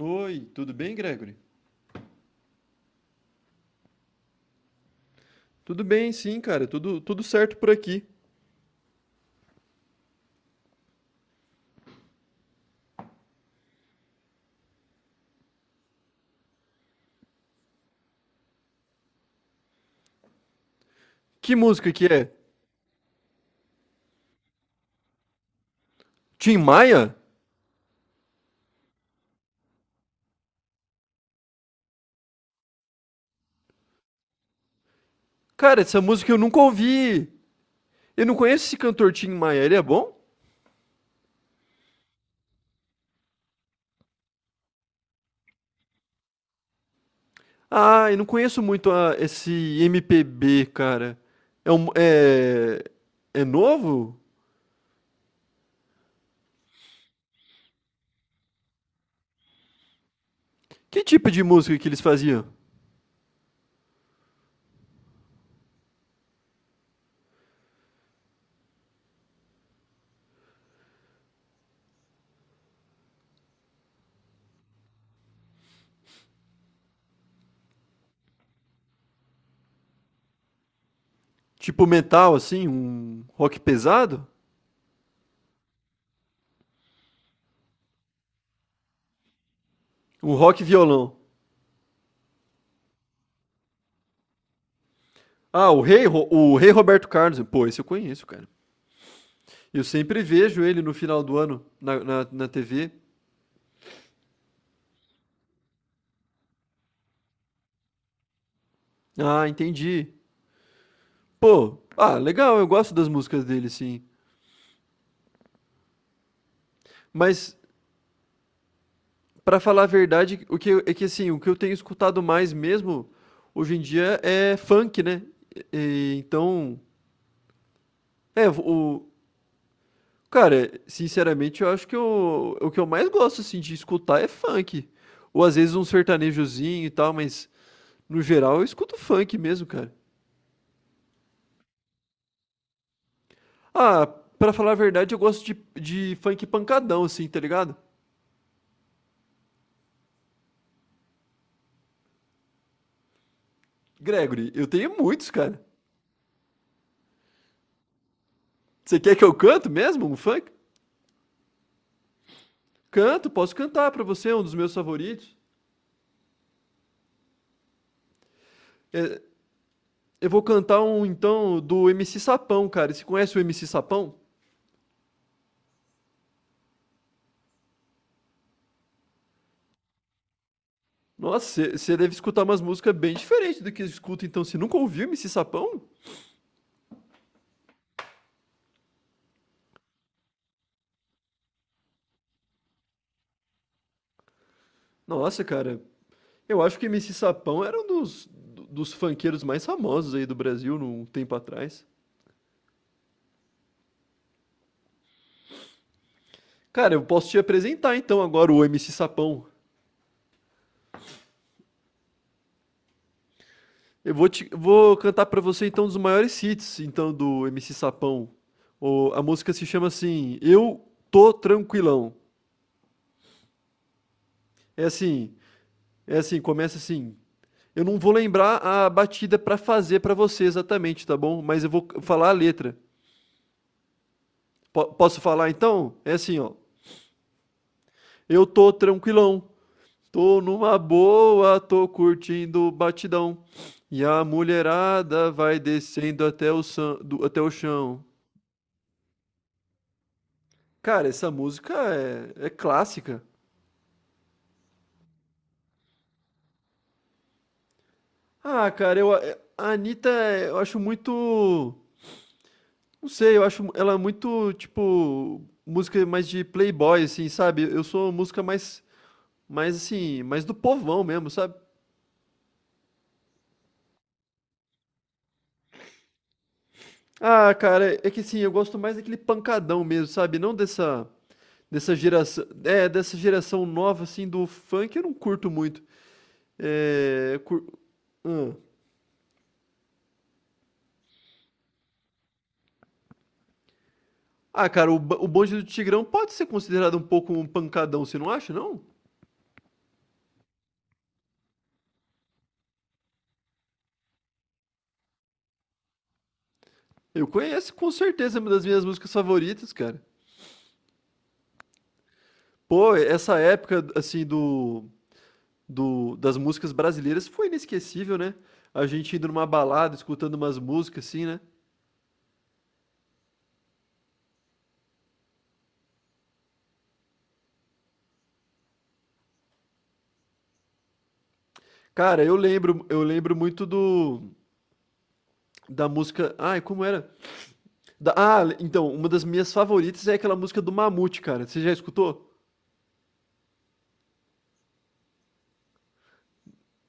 Oi, tudo bem, Gregory? Tudo bem, sim, cara, tudo certo por aqui. Que música que é? Tim Maia? Cara, essa música eu nunca ouvi. Eu não conheço esse cantor Tim Maia, ele é bom? Ah, eu não conheço muito esse MPB, cara. É, um, é, é novo? Que tipo de música que eles faziam? Tipo metal, assim? Um rock pesado? Um rock violão? O Rei Roberto Carlos. Pô, esse eu conheço, cara. Eu sempre vejo ele no final do ano na TV. Ah, entendi. Pô, ah, legal, eu gosto das músicas dele, sim. Mas, pra falar a verdade, é que assim, o que eu tenho escutado mais mesmo hoje em dia é funk, né? Então, é, o cara, sinceramente, eu acho que eu, o que eu mais gosto assim de escutar é funk. Ou às vezes um sertanejozinho e tal, mas no geral eu escuto funk mesmo, cara. Ah, pra falar a verdade, de funk pancadão, assim, tá ligado? Gregory, eu tenho muitos, cara. Você quer que eu canto mesmo um funk? Canto, posso cantar pra você, é um dos meus favoritos. É, eu vou cantar um, então, do MC Sapão, cara. Você conhece o MC Sapão? Nossa, você deve escutar umas músicas bem diferentes do que eu escuto, então. Você nunca ouviu MC Sapão? Nossa, cara. Eu acho que MC Sapão era um dos funkeiros mais famosos aí do Brasil num tempo atrás. Cara, eu posso te apresentar então agora o MC Sapão. Vou cantar pra você então um dos maiores hits então do MC Sapão. A música se chama assim, Eu Tô Tranquilão. É assim, é assim, começa assim. Eu não vou lembrar a batida pra fazer pra você exatamente, tá bom? Mas falar a letra. Posso falar então? É assim, ó. Eu tô tranquilão, tô numa boa, tô curtindo o batidão. E a mulherada vai descendo até até o chão. Cara, essa música é clássica. Ah, cara, eu, a A Anitta, eu acho muito. Não sei, eu acho ela muito, tipo, música mais de playboy, assim, sabe? Eu sou música mais, Mais assim, mais do povão mesmo, sabe? Ah, cara, é que assim, eu gosto mais daquele pancadão mesmo, sabe? Não dessa. Dessa geração nova, assim, do funk, eu não curto muito. É, cur- hum. Ah, cara, o Bonde do Tigrão pode ser considerado um pouco um pancadão, você não acha, não? Eu conheço com certeza uma das minhas músicas favoritas, cara. Pô, essa época, assim, das músicas brasileiras foi inesquecível, né? A gente indo numa balada, escutando umas músicas, assim, né? Cara, eu lembro muito do, da música. Ai, como era? Ah, então, uma das minhas favoritas é aquela música do Mamute, cara. Você já escutou?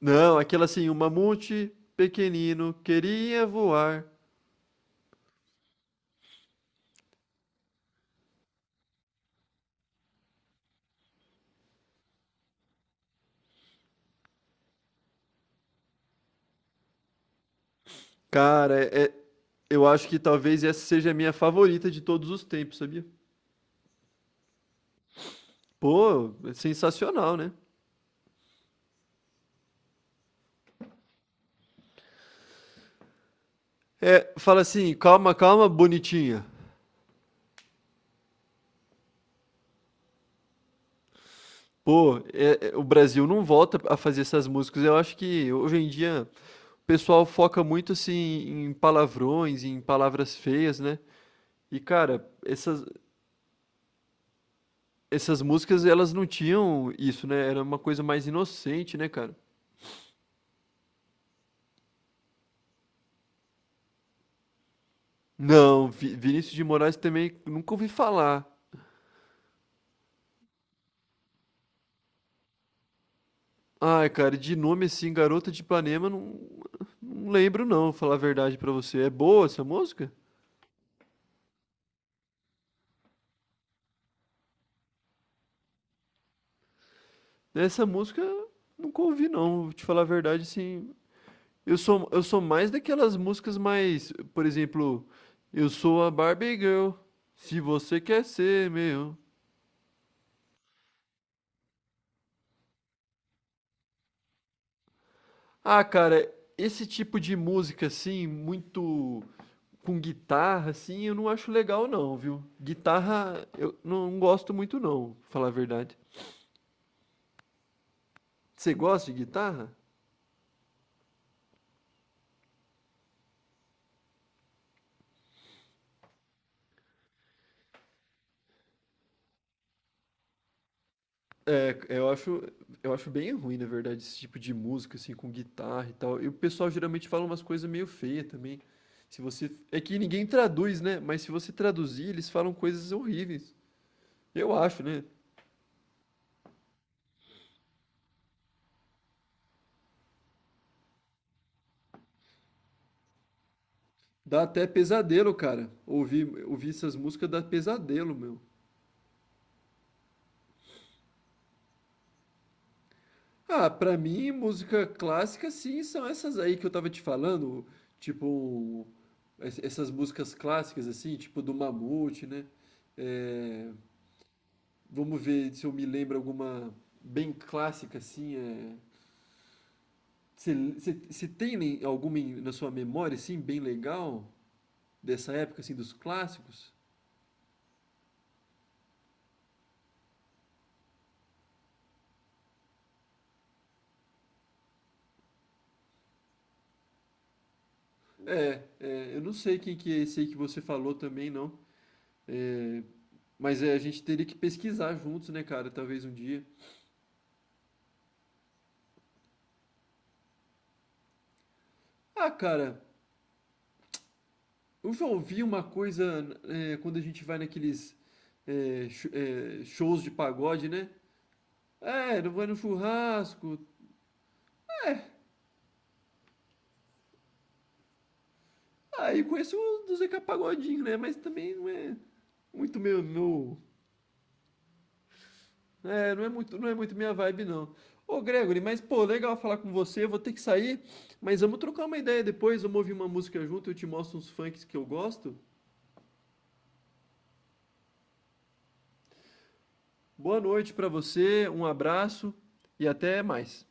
Não, aquela assim, o Mamute pequenino queria voar. Cara, eu acho que talvez essa seja a minha favorita de todos os tempos, sabia? Pô, é sensacional, né? É, fala assim, calma, calma, bonitinha. Pô, é, o Brasil não volta a fazer essas músicas. Eu acho que hoje em dia o pessoal foca muito assim em palavrões, em palavras feias, né? E, cara, essas, Essas músicas, elas não tinham isso, né? Era uma coisa mais inocente, né, cara? Não, Vinícius de Moraes também nunca ouvi falar. Ai, cara, de nome assim, Garota de Ipanema, não, não lembro não, falar a verdade pra você. É boa essa música? Essa música nunca ouvi não, vou te falar a verdade assim. Eu sou mais daquelas músicas mais, por exemplo, eu sou a Barbie Girl, se você quer ser meu. Ah, cara, esse tipo de música assim, muito com guitarra assim, eu não acho legal não, viu? Guitarra eu não gosto muito não, pra falar a verdade. Você gosta de guitarra? É, eu acho bem ruim, na verdade, esse tipo de música assim com guitarra e tal. E o pessoal geralmente fala umas coisas meio feias também. Se você, é que ninguém traduz, né? Mas se você traduzir, eles falam coisas horríveis. Eu acho, né? Dá até pesadelo, cara. Ouvir essas músicas dá pesadelo, meu. Ah, pra mim, música clássica, sim, são essas aí que eu tava te falando, tipo, essas músicas clássicas, assim, tipo do Mamute, né? É, vamos ver se eu me lembro alguma bem clássica, assim, é... Se tem nem- alguma na sua memória, assim, bem legal, dessa época, assim, dos clássicos? É, eu não sei quem que é esse aí que você falou também, não. É, mas é, a gente teria que pesquisar juntos, né, cara? Talvez um dia. Ah, cara, eu já ouvi uma coisa é, quando a gente vai naqueles shows de pagode, né? É, não vai no churrasco. Aí eu conheço o do Zeca Pagodinho, né? Mas também não é muito meu, meu... É, não é muito minha vibe, não. Ô, Gregory, mas pô, legal falar com você. Eu vou ter que sair, mas vamos trocar uma ideia depois. Vamos ouvir uma música junto. Eu te mostro uns funks que eu gosto. Boa noite pra você, um abraço e até mais.